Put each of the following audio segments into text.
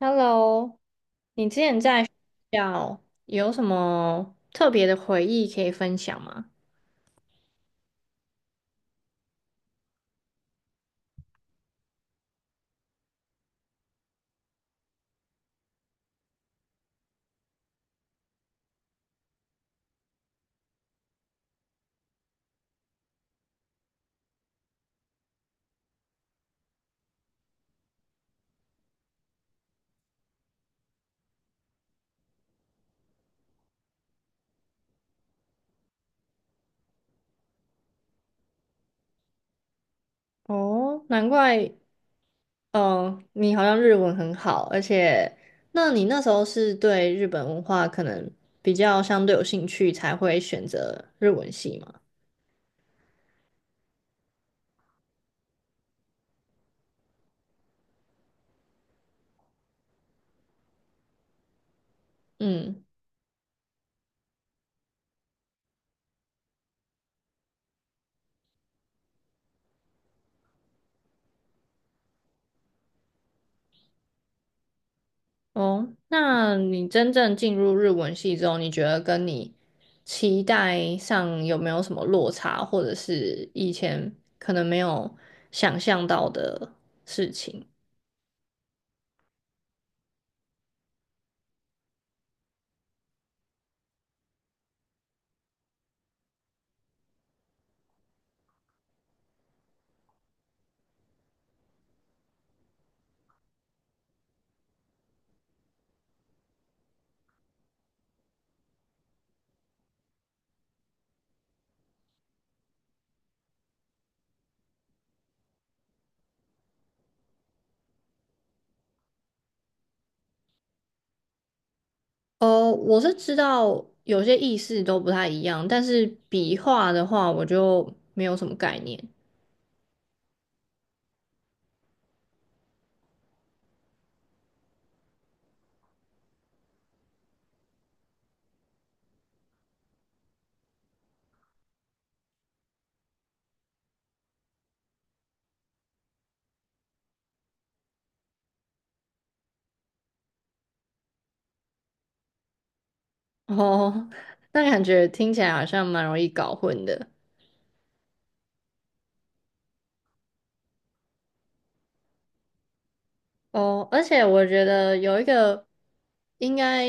Hello，你之前在学校有什么特别的回忆可以分享吗？哦，难怪，嗯，你好像日文很好，而且，那你那时候是对日本文化可能比较相对有兴趣，才会选择日文系吗？嗯。哦，那你真正进入日文系之后，你觉得跟你期待上有没有什么落差，或者是以前可能没有想象到的事情？哦，我是知道有些意思都不太一样，但是笔画的话，我就没有什么概念。哦，那感觉听起来好像蛮容易搞混的。哦，而且我觉得有一个应该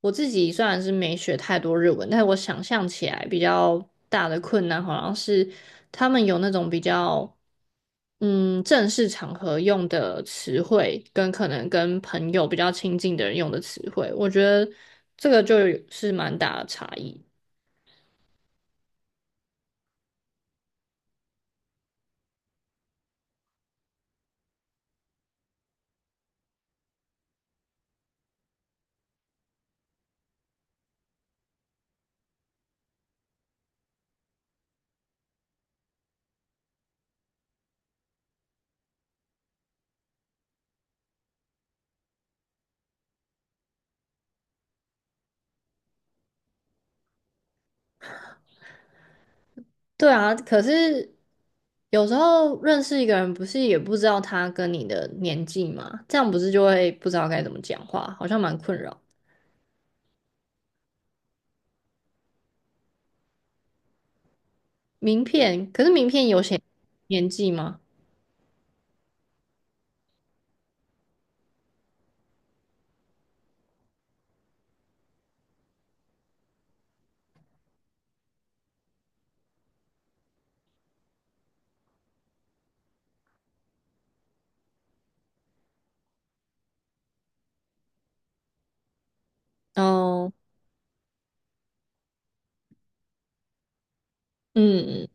我自己虽然是没学太多日文，但是我想象起来比较大的困难好像是他们有那种比较正式场合用的词汇，跟可能跟朋友比较亲近的人用的词汇，我觉得这个就是蛮大的差异。对啊，可是有时候认识一个人，不是也不知道他跟你的年纪嘛，这样不是就会不知道该怎么讲话，好像蛮困扰。名片，可是名片有写年纪吗？哦，嗯嗯，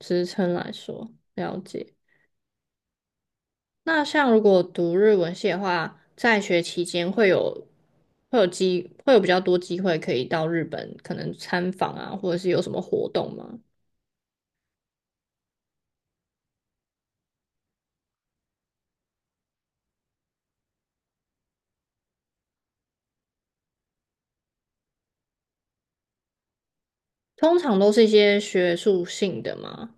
职称来说，了解。那像如果读日文系的话，在学期间会有机会有比较多机会可以到日本，可能参访啊，或者是有什么活动吗？通常都是一些学术性的嘛。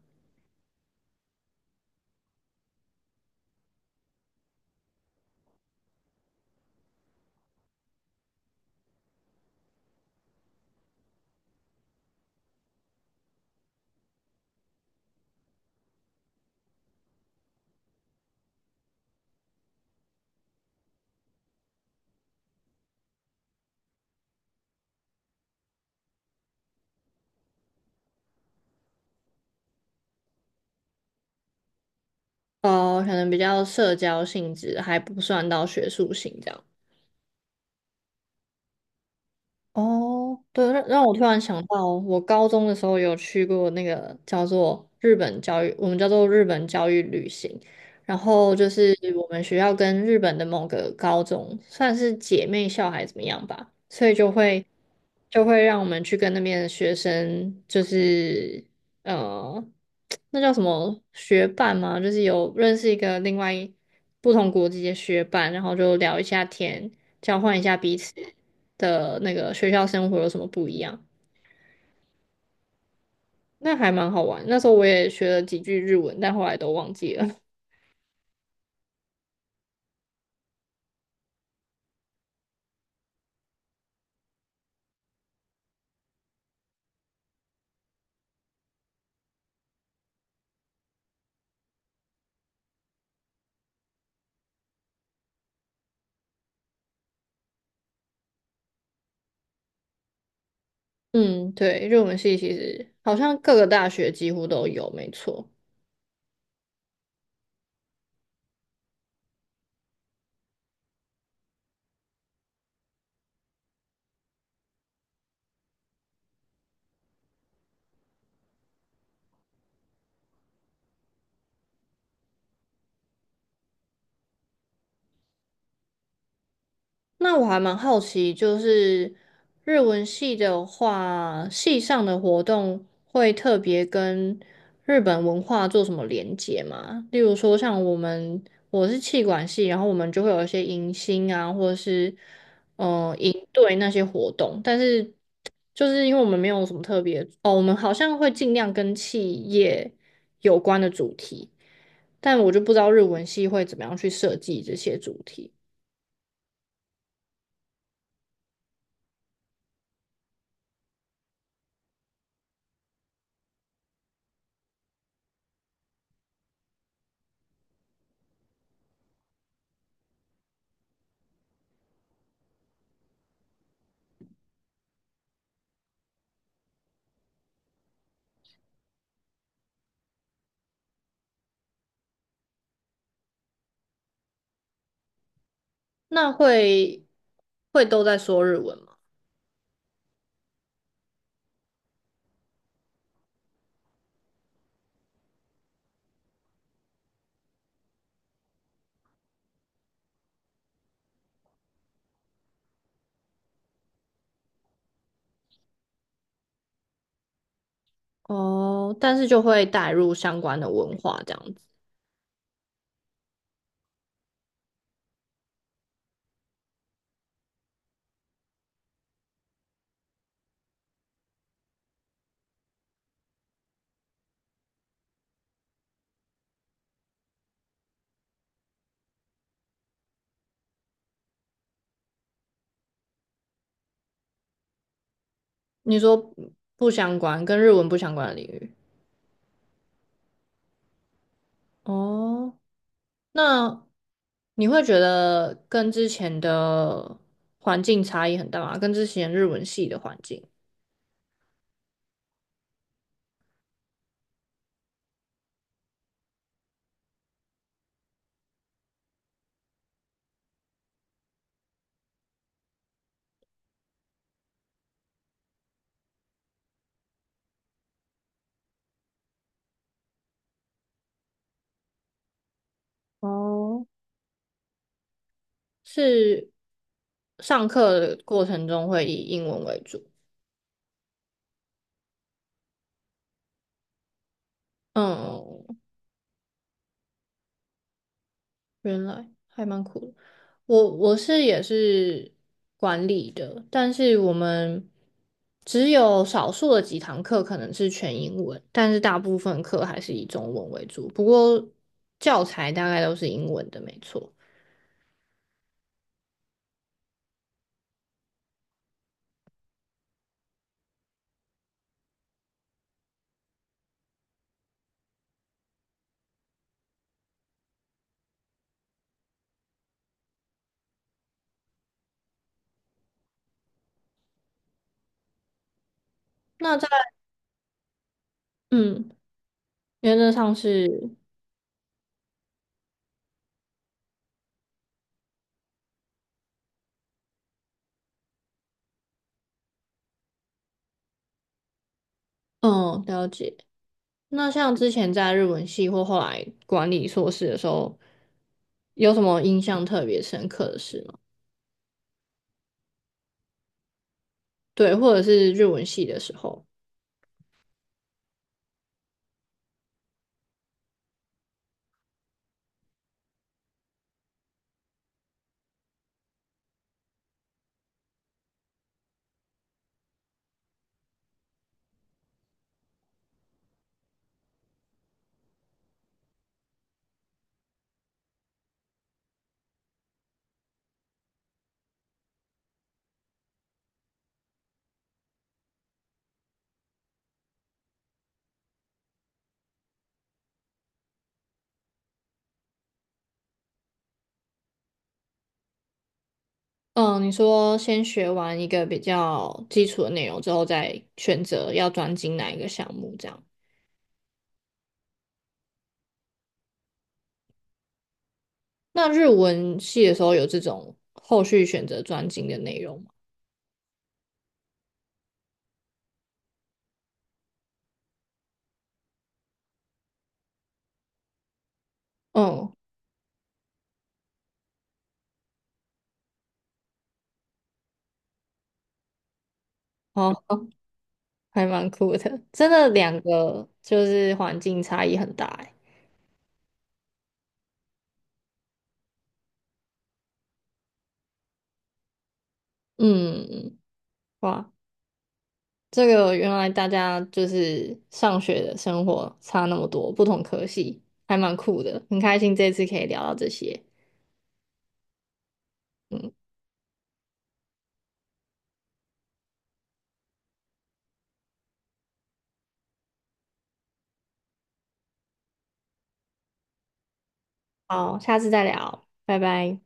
哦，可能比较社交性质，还不算到学术性这样。哦，对，让我突然想到，我高中的时候有去过那个叫做日本教育，我们叫做日本教育旅行。然后就是我们学校跟日本的某个高中算是姐妹校还是怎么样吧，所以就会就会让我们去跟那边的学生，就是嗯。那叫什么学伴吗？就是有认识一个另外一不同国籍的学伴，然后就聊一下天，交换一下彼此的那个学校生活有什么不一样，那还蛮好玩。那时候我也学了几句日文，但后来都忘记了。嗯，对，日文系其实好像各个大学几乎都有，没错。那我还蛮好奇，就是日文系的话，系上的活动会特别跟日本文化做什么连接吗？例如说，像我们是气管系，然后我们就会有一些迎新啊，或者是营队那些活动，但是就是因为我们没有什么特别哦，我们好像会尽量跟企业有关的主题，但我就不知道日文系会怎么样去设计这些主题。那会都在说日文吗？哦，但是就会带入相关的文化这样子。你说不相关，跟日文不相关的领域。哦，那你会觉得跟之前的环境差异很大吗？跟之前日文系的环境？哦，是上课的过程中会以英文为主。嗯，原来还蛮苦的。我是也是管理的，但是我们只有少数的几堂课可能是全英文，但是大部分课还是以中文为主。不过教材大概都是英文的，没错。那在嗯，原则上是嗯，了解。那像之前在日文系或后来管理硕士的时候，有什么印象特别深刻的事吗？对，或者是日文系的时候。嗯，你说先学完一个比较基础的内容之后，再选择要专精哪一个项目，这样。那日文系的时候有这种后续选择专精的内容吗？嗯，哦，还蛮酷的，真的两个就是环境差异很大欸。嗯，哇，这个原来大家就是上学的生活差那么多，不同科系，还蛮酷的，很开心这次可以聊到这些。嗯，好，下次再聊，拜拜。